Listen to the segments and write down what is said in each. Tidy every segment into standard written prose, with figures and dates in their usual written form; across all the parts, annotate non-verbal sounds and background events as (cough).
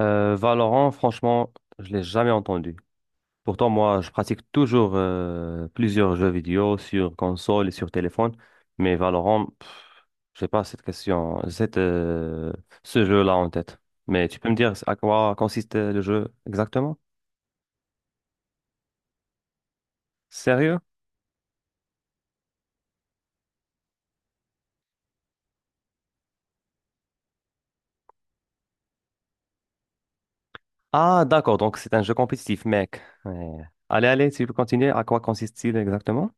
Valorant, franchement, je l'ai jamais entendu. Pourtant, moi, je pratique toujours plusieurs jeux vidéo sur console et sur téléphone, mais Valorant, pff, j'ai pas cette question, cette, ce jeu-là en tête. Mais tu peux me dire à quoi consiste le jeu exactement? Sérieux? Ah, d'accord, donc c'est un jeu compétitif, mec. Ouais. Allez, allez, tu peux continuer. À quoi consiste-t-il exactement?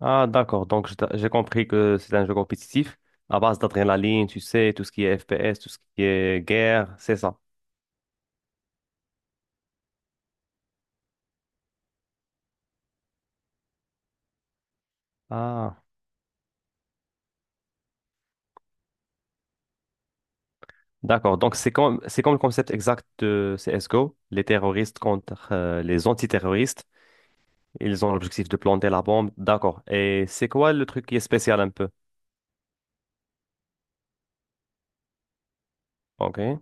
Ah, d'accord. Donc, je j'ai compris que c'est un jeu compétitif à base d'adrénaline, tu sais, tout ce qui est FPS, tout ce qui est guerre, c'est ça. Ah, d'accord. Donc, c'est comme le concept exact de CSGO, les terroristes contre les antiterroristes. Ils ont l'objectif de planter la bombe. D'accord. Et c'est quoi le truc qui est spécial un peu? OK.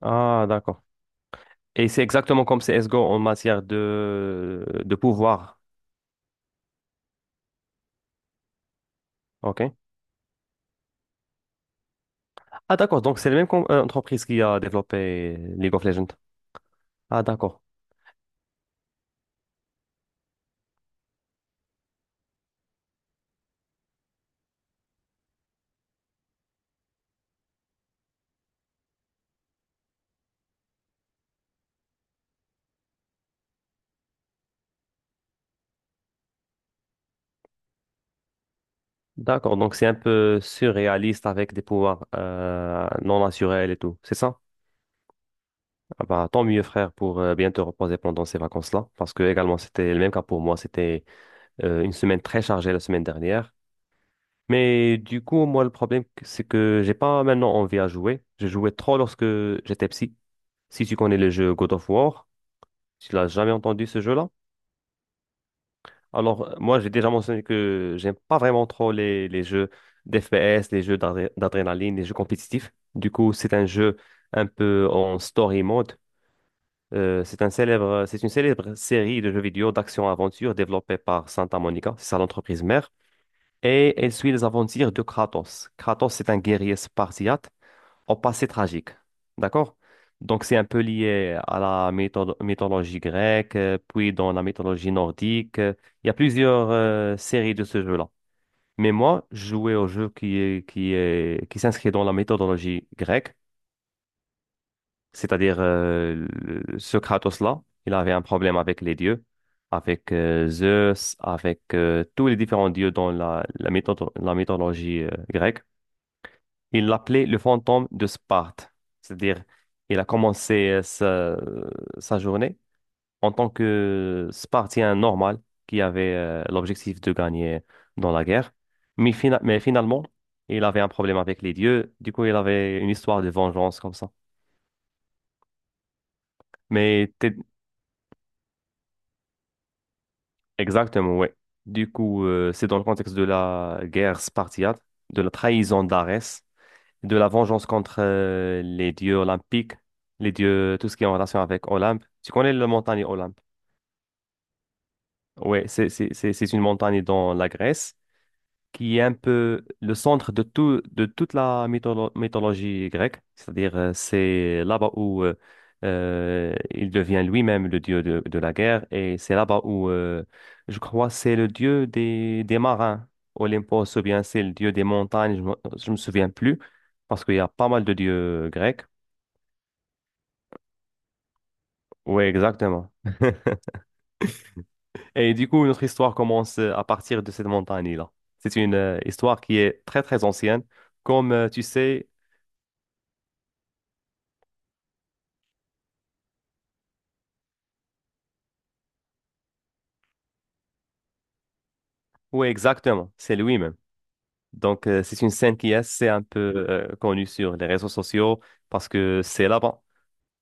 Ah, d'accord. Et c'est exactement comme CSGO en matière de pouvoir. OK. Ah, d'accord. Donc, c'est la même entreprise qui a développé League of Legends. Ah, d'accord. D'accord, donc c'est un peu surréaliste avec des pouvoirs non naturels et tout, c'est ça? Ah bah, tant mieux frère pour bien te reposer pendant ces vacances-là, parce que également c'était le même cas pour moi, c'était une semaine très chargée la semaine dernière. Mais du coup, moi le problème c'est que j'ai pas maintenant envie à jouer, je jouais trop lorsque j'étais psy. Si tu connais le jeu God of War, tu l'as jamais entendu ce jeu-là? Alors, moi, j'ai déjà mentionné que j'aime pas vraiment trop les jeux d'FPS, les jeux d'adrénaline, les jeux compétitifs. Du coup, c'est un jeu un peu en story mode. C'est un célèbre, c'est une célèbre série de jeux vidéo d'action-aventure développée par Santa Monica, c'est ça l'entreprise mère. Et elle suit les aventures de Kratos. Kratos, c'est un guerrier spartiate au passé tragique. D'accord? Donc, c'est un peu lié à la mythologie grecque, puis dans la mythologie nordique. Il y a plusieurs séries de ce jeu-là. Mais moi, je jouais au jeu qui s'inscrit dans la méthodologie grecque, c'est-à-dire ce Kratos-là, il avait un problème avec les dieux, avec Zeus, avec tous les différents dieux dans la mythologie grecque. Il l'appelait le fantôme de Sparte. C'est-à-dire, il a commencé sa journée en tant que Spartien normal qui avait l'objectif de gagner dans la guerre. Mais finalement, il avait un problème avec les dieux. Du coup, il avait une histoire de vengeance comme ça. Mais t'es- Exactement, ouais. Du coup, c'est dans le contexte de la guerre spartiate, de la trahison d'Arès, de la vengeance contre les dieux olympiques, les dieux, tout ce qui est en relation avec Olympe. Tu connais la montagne Olympe? Oui, c'est une montagne dans la Grèce qui est un peu le centre de tout, de toute la mythologie grecque. C'est-à-dire, c'est là-bas où il devient lui-même le dieu de la guerre, et c'est là-bas où, je crois, c'est le dieu des marins. Olympos, ou bien c'est le dieu des montagnes, je ne me, je me souviens plus, parce qu'il y a pas mal de dieux grecs. Oui, exactement. (laughs) Et du coup, notre histoire commence à partir de cette montagne-là. C'est une histoire qui est très, très ancienne. Comme tu sais, oui, exactement, c'est lui-même. Donc, c'est une scène qui est assez un peu connue sur les réseaux sociaux parce que c'est là-bas.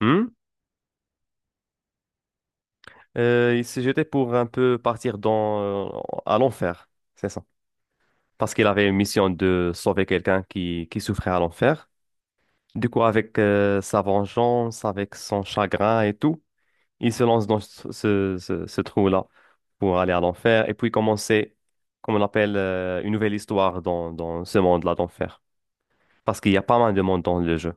Hmm. Il s'est jeté pour un peu partir dans, euh, à l'enfer, c'est ça. Parce qu'il avait une mission de sauver quelqu'un qui souffrait à l'enfer. Du coup, avec sa vengeance, avec son chagrin et tout. Il se lance dans ce trou-là pour aller à l'enfer et puis commencer, comme on appelle, une nouvelle histoire dans ce monde-là d'enfer. Parce qu'il y a pas mal de monde dans le jeu.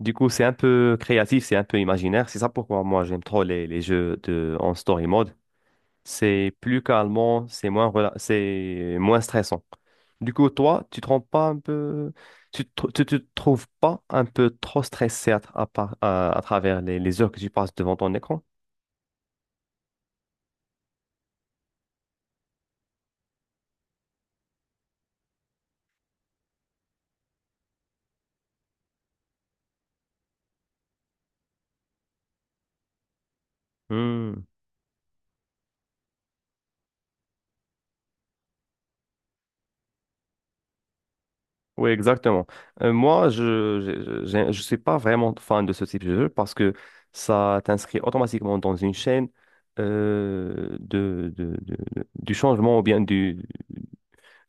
Du coup, c'est un peu créatif, c'est un peu imaginaire. C'est ça pourquoi moi j'aime trop les jeux de, en story mode. C'est plus calmant, c'est moins, c'est moins stressant. Du coup, toi, tu te trouves pas un peu trop stressé à, à travers les heures que tu passes devant ton écran? Hmm. Oui, exactement. Moi, je suis pas vraiment fan de ce type de jeu parce que ça t'inscrit automatiquement dans une chaîne du changement ou bien du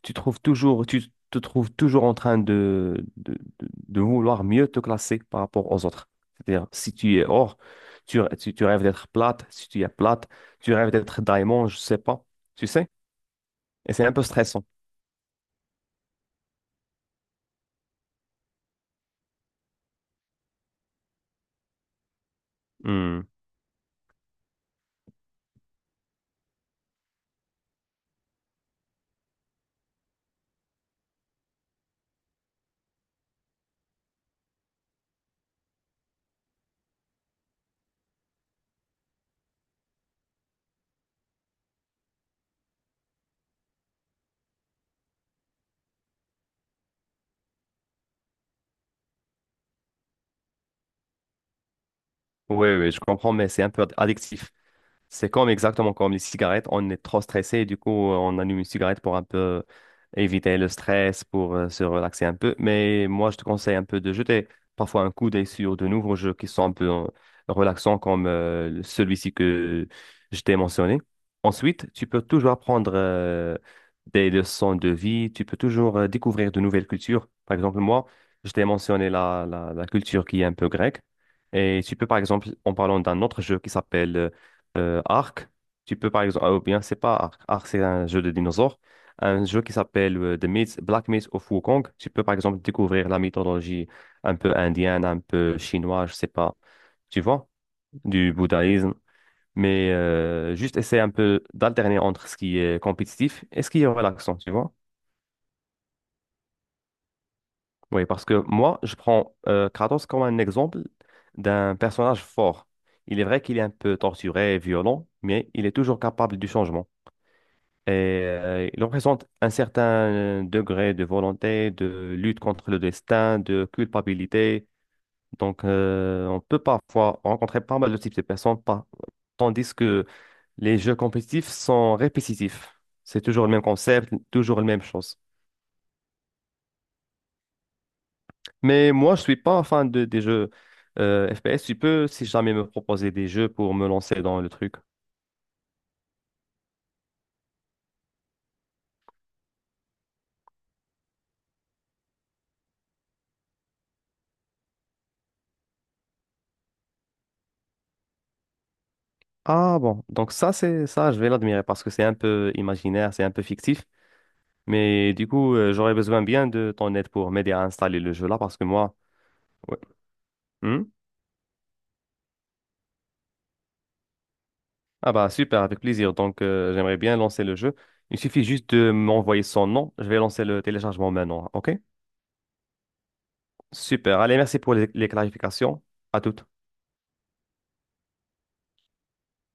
tu trouves toujours tu te trouves toujours en train de vouloir mieux te classer par rapport aux autres. C'est-à-dire si tu es or, tu rêves d'être plate, si tu es plate, tu rêves d'être diamant, je sais pas, tu sais? Et c'est un peu stressant. Hmm. Oui, oui, je comprends, mais c'est un peu addictif. C'est comme exactement comme les cigarettes, on est trop stressé et du coup on allume une cigarette pour un peu éviter le stress, pour se relaxer un peu. Mais moi je te conseille un peu de jeter parfois un coup d'œil sur de nouveaux jeux qui sont un peu relaxants comme celui-ci que je t'ai mentionné. Ensuite, tu peux toujours apprendre des leçons de vie, tu peux toujours découvrir de nouvelles cultures. Par exemple, moi, je t'ai mentionné la culture qui est un peu grecque. Et tu peux par exemple, en parlant d'un autre jeu qui s'appelle... Ark. Tu peux par exemple, ah, ou bien c'est pas Ark, Ark c'est un jeu de dinosaures, un jeu qui s'appelle The Myth, Black Myth of Wukong. Tu peux par exemple découvrir la mythologie un peu indienne, un peu chinoise, je sais pas, tu vois, du bouddhisme. Mais juste essayer un peu d'alterner entre ce qui est compétitif et ce qui est relaxant, tu vois. Oui, parce que moi, je prends Kratos comme un exemple d'un personnage fort. Il est vrai qu'il est un peu torturé et violent, mais il est toujours capable du changement. Et il représente un certain degré de volonté, de lutte contre le destin, de culpabilité. Donc, on peut parfois rencontrer pas mal de types de personnes, tandis que les jeux compétitifs sont répétitifs. C'est toujours le même concept, toujours la même chose. Mais moi, je suis pas fan des jeux FPS. Tu peux, si jamais, me proposer des jeux pour me lancer dans le truc. Ah bon, donc ça, c'est ça, je vais l'admirer parce que c'est un peu imaginaire, c'est un peu fictif. Mais du coup, j'aurais besoin bien de ton aide pour m'aider à installer le jeu là parce que moi, ouais. Hmm? Ah bah super, avec plaisir. Donc j'aimerais bien lancer le jeu. Il suffit juste de m'envoyer son nom. Je vais lancer le téléchargement maintenant. OK? Super. Allez, merci pour les clarifications. À toutes.